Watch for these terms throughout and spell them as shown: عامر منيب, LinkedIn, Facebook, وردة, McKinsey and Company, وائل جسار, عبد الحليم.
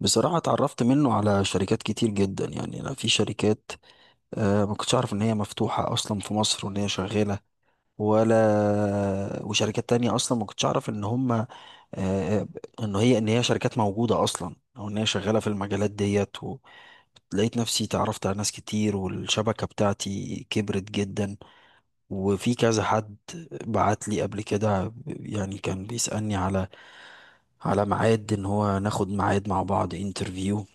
بصراحة اتعرفت منه على شركات كتير جدا، يعني أنا في شركات، ما كنتش أعرف إن هي مفتوحة أصلا في مصر وإن هي شغالة. ولا وشركات تانية أصلا ما كنتش أعرف إن هما، آه، آه، إن هي شركات موجودة أصلا أو إن هي شغالة في المجالات ديت لقيت نفسي اتعرفت على ناس كتير، والشبكة بتاعتي كبرت جدا. وفي كذا حد بعت لي قبل كده، يعني كان بيسألني على ميعاد ان هو ناخد ميعاد مع بعض انترفيو.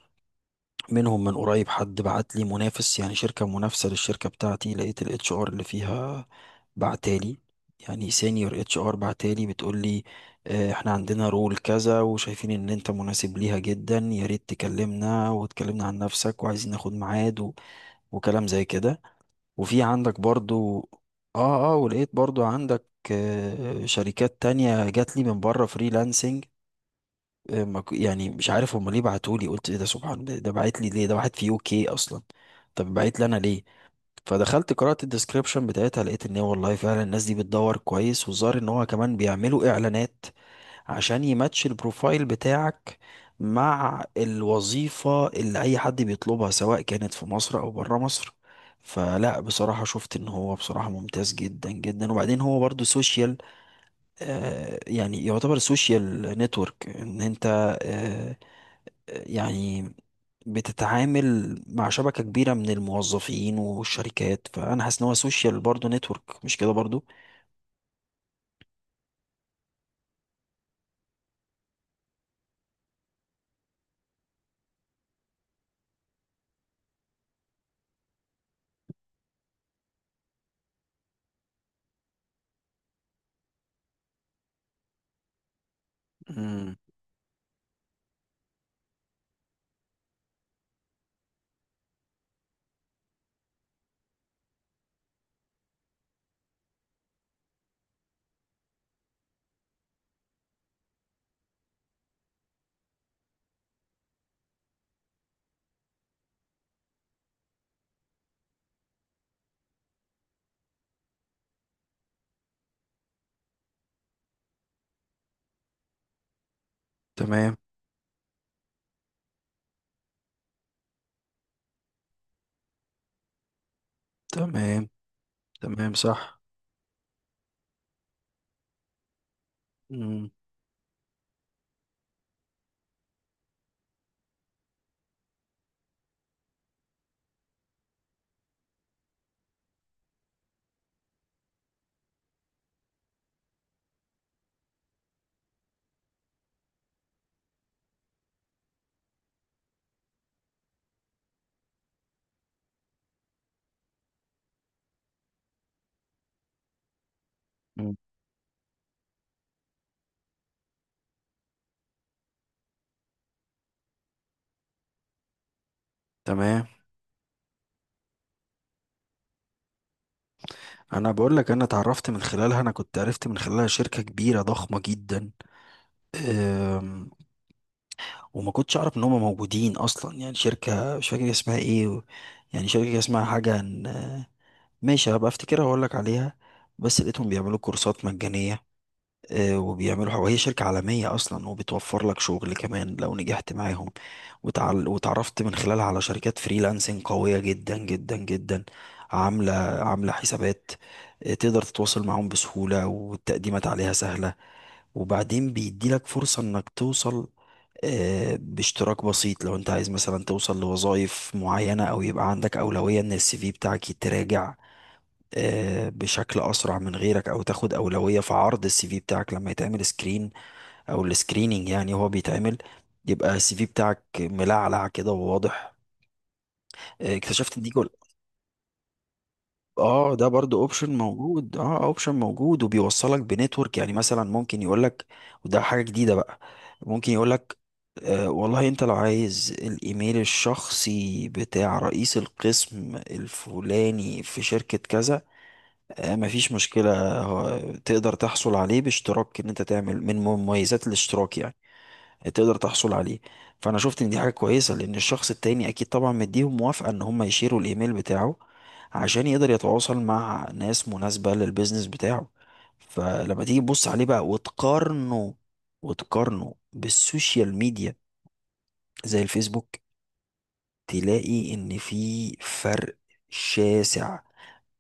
منهم من قريب حد بعت لي منافس، يعني شركة منافسة للشركة بتاعتي، لقيت الاتش ار اللي فيها بعتالي، يعني سينيور اتش ار بعتالي بتقول لي: احنا عندنا رول كذا وشايفين ان انت مناسب ليها جدا، يا ريت تكلمنا وتكلمنا عن نفسك وعايزين ناخد ميعاد وكلام زي كده. وفي عندك برضو، اه ولقيت برضو عندك شركات تانية جات لي من بره فريلانسنج. آه، ما ك- يعني مش عارف هما ليه بعتولي، قلت ايه ده؟ سبحان! ده بعت لي ليه؟ ده واحد في يو كي اصلا، طب بعت لي انا ليه؟ فدخلت قرأت الديسكريبشن بتاعتها، لقيت ان هي والله فعلا الناس دي بتدور كويس، والظاهر ان هو كمان بيعملوا اعلانات عشان يماتش البروفايل بتاعك مع الوظيفة اللي اي حد بيطلبها، سواء كانت في مصر او برا مصر. فلا بصراحة شفت ان هو بصراحة ممتاز جدا جدا. وبعدين هو برضو سوشيال، يعني يعتبر سوشيال نتورك، ان انت يعني بتتعامل مع شبكة كبيرة من الموظفين والشركات. فأنا حاسس إن هو سوشيال برضه نتورك، مش كده برضه؟ امم. تمام. تمام. تمام صح. امم. أمم. تمام. أنا بقول لك، أنا اتعرفت من خلالها، أنا كنت عرفت من خلالها شركة كبيرة ضخمة جدا. أم، وما كنتش أعرف إن هم موجودين أصلا، يعني شركة مش فاكر اسمها إيه يعني شركة اسمها حاجة ماشي، هبقى أفتكرها وأقول لك عليها. بس لقيتهم بيعملوا كورسات مجانية، وبيعملوا حاجة، وهي شركة عالمية أصلا، وبتوفر لك شغل كمان لو نجحت معاهم. وتعرفت من خلالها على شركات فريلانسنج قوية جدا جدا جدا، عاملة حسابات. تقدر تتواصل معاهم بسهولة، والتقديمات عليها سهلة. وبعدين بيديلك فرصة إنك توصل باشتراك بسيط، لو انت عايز مثلا توصل لوظائف معينة، او يبقى عندك اولوية ان السي في بتاعك يتراجع بشكل اسرع من غيرك، او تاخد اولويه في عرض السي في بتاعك لما يتعمل سكرين، او السكريننج، يعني هو بيتعمل. يبقى السي في بتاعك ملعلع كده وواضح. اكتشفت ان دي جول. اه، ده برضو اوبشن موجود. اه، اوبشن موجود. وبيوصلك بنتورك، يعني مثلا ممكن يقولك، وده حاجة جديدة بقى، ممكن يقولك: آه والله، انت لو عايز الايميل الشخصي بتاع رئيس القسم الفلاني في شركة كذا، مفيش مشكلة، هو تقدر تحصل عليه باشتراك، ان انت تعمل من مميزات الاشتراك يعني تقدر تحصل عليه. فانا شفت ان دي حاجة كويسة، لان الشخص التاني اكيد طبعا مديهم موافقة ان هم يشيروا الايميل بتاعه عشان يقدر يتواصل مع ناس مناسبة للبيزنس بتاعه. فلما تيجي تبص عليه بقى وتقارنه بالسوشيال ميديا زي الفيسبوك، تلاقي ان في فرق شاسع.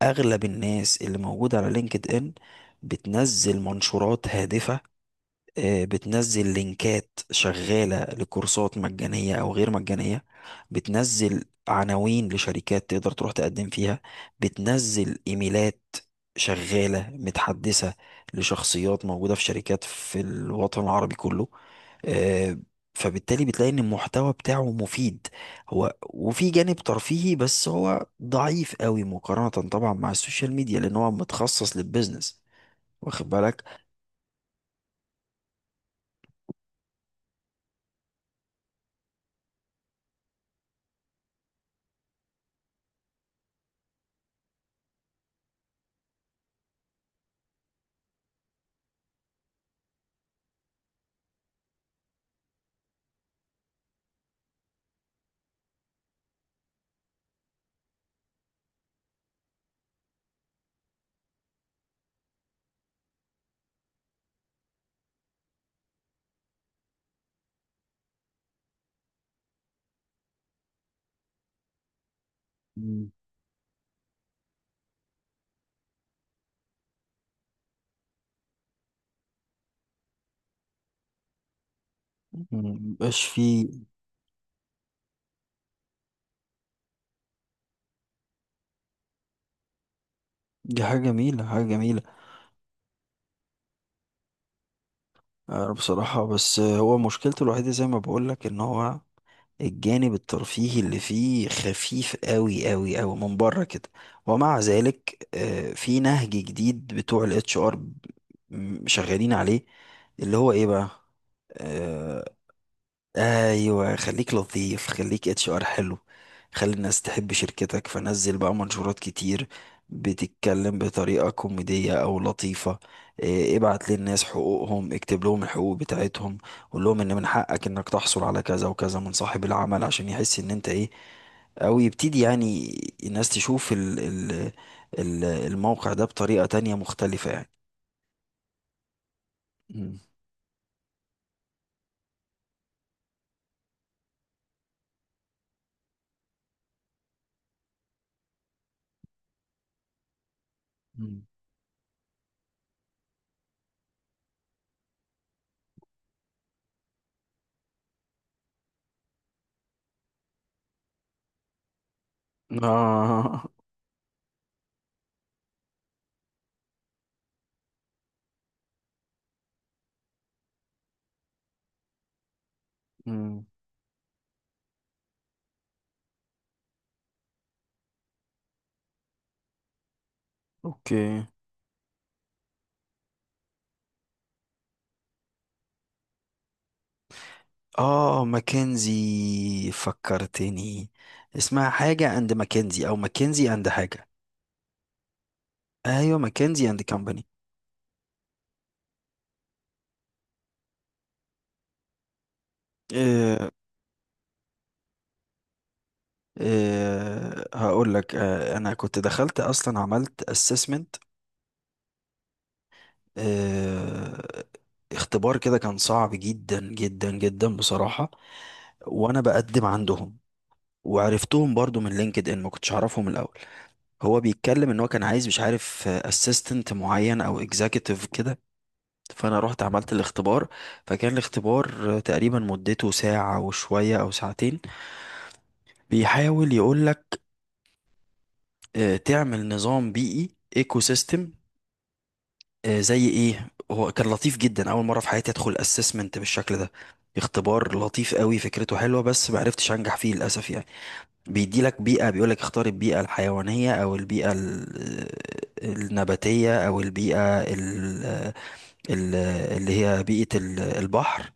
اغلب الناس اللي موجوده على لينكد ان بتنزل منشورات هادفه، بتنزل لينكات شغاله لكورسات مجانيه او غير مجانيه، بتنزل عناوين لشركات تقدر تروح تقدم فيها، بتنزل ايميلات شغاله متحدثه لشخصيات موجوده في شركات في الوطن العربي كله. آه، فبالتالي بتلاقي ان المحتوى بتاعه مفيد، هو وفي جانب ترفيهي بس هو ضعيف قوي مقارنة طبعا مع السوشيال ميديا، لان هو متخصص للبيزنس، واخد بالك؟ مم. مبقاش فيه. دي حاجة جميلة، حاجة جميلة. بصراحة بس، هو مشكلته الوحيدة زي ما بقولك ان هو الجانب الترفيهي اللي فيه خفيف قوي قوي قوي من بره كده. ومع ذلك في نهج جديد بتوع الاتش ار شغالين عليه، اللي هو ايه بقى؟ آه، ايوه، خليك لطيف، خليك اتش ار حلو، خلي الناس تحب شركتك، فنزل بقى منشورات كتير بتتكلم بطريقة كوميدية او لطيفة. ابعت للناس حقوقهم، اكتب لهم الحقوق بتاعتهم، قول لهم ان من حقك انك تحصل على كذا وكذا من صاحب العمل عشان يحس ان انت ايه، او يبتدي يعني الناس تشوف الموقع ده بطريقة تانية مختلفة يعني. مم. مم. آه. مم. اوكي. اه، ماكنزي، فكرتني، اسمها حاجة اند ماكنزي او ماكنزي اند حاجة. ايوه، ماكنزي اند كمباني. إيه. إيه، هقول لك، انا كنت دخلت اصلا، عملت اسسمنت، إيه، اختبار كده، كان صعب جدا جدا جدا بصراحة. وانا بقدم عندهم، وعرفتهم برضو من لينكد ان، ما كنتش اعرفهم الاول. هو بيتكلم ان هو كان عايز مش عارف اسيستنت معين او اكزيكتيف كده. فانا رحت عملت الاختبار، فكان الاختبار تقريبا مدته ساعة وشوية او ساعتين. بيحاول يقولك تعمل نظام بيئي، ايكو سيستم. زي ايه، هو كان لطيف جدا، اول مرة في حياتي ادخل اسسمنت بالشكل ده. اختبار لطيف قوي، فكرته حلوة، بس معرفتش انجح فيه للاسف يعني. بيديلك بيئة، بيقولك اختار البيئة الحيوانية او البيئة النباتية او البيئة ال- اللي هي بيئة البحر،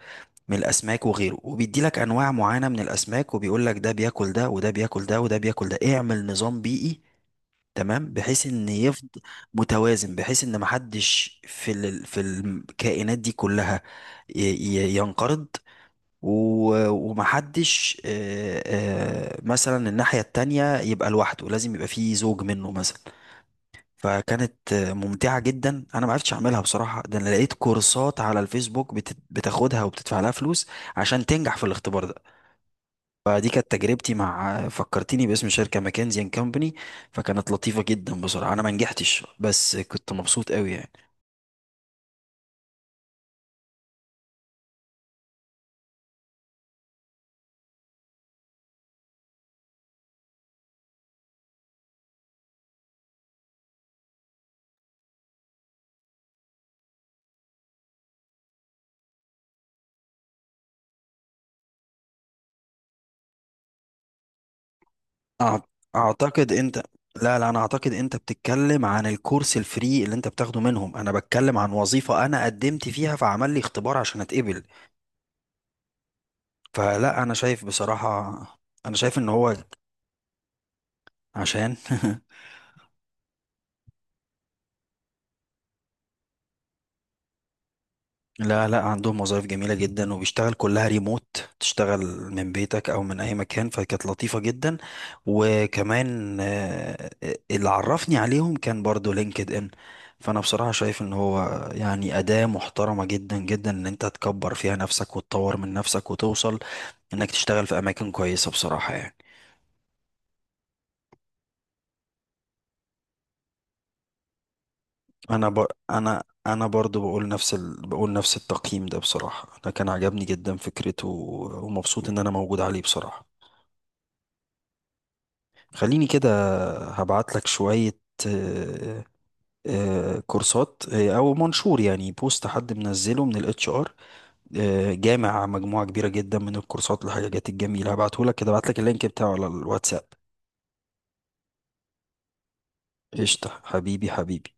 من الأسماك وغيره. وبيدي لك أنواع معينة من الأسماك، وبيقول لك ده بياكل ده وده بياكل ده وده بياكل ده، اعمل نظام بيئي تمام، بحيث ان يفضل متوازن، بحيث ان محدش في في الكائنات دي كلها ينقرض، و... ومحدش مثلا الناحية التانية يبقى لوحده، لازم يبقى فيه زوج منه مثلا. فكانت ممتعة جدا، انا ما عرفتش اعملها بصراحة. ده انا لقيت كورسات على الفيسبوك بتاخدها وبتدفع لها فلوس عشان تنجح في الاختبار ده. فدي كانت تجربتي مع فكرتيني باسم شركة ماكنزي اند كومباني. فكانت لطيفة جدا بصراحة، انا ما نجحتش بس كنت مبسوط قوي يعني. أع- اعتقد انت، لا لا، انا اعتقد انت بتتكلم عن الكورس الفري اللي انت بتاخده منهم، انا بتكلم عن وظيفة انا قدمت فيها، فعمل لي اختبار عشان اتقبل. فلا انا شايف بصراحة، انا شايف ان هو، عشان لا لا، عندهم وظائف جميلة جدا، وبيشتغل كلها ريموت، تشتغل من بيتك أو من أي مكان، فكانت لطيفة جدا. وكمان اللي عرفني عليهم كان برضو لينكد إن. فأنا بصراحة شايف إن هو يعني أداة محترمة جدا جدا، إن أنت تكبر فيها نفسك وتطور من نفسك وتوصل إنك تشتغل في أماكن كويسة بصراحة يعني. أنا أنا برضو بقول نفس بقول نفس التقييم ده بصراحة. أنا كان عجبني جدا فكرته، ومبسوط إن أنا موجود عليه بصراحة. خليني كده، هبعت لك شوية آه، كورسات، او منشور، يعني بوست حد منزله من الاتش ار، جامع مجموعة كبيرة جدا من الكورسات والحاجات الجميلة. هبعته لك كده، هبعت لك اللينك بتاعه على الواتساب. قشطة، حبيبي حبيبي.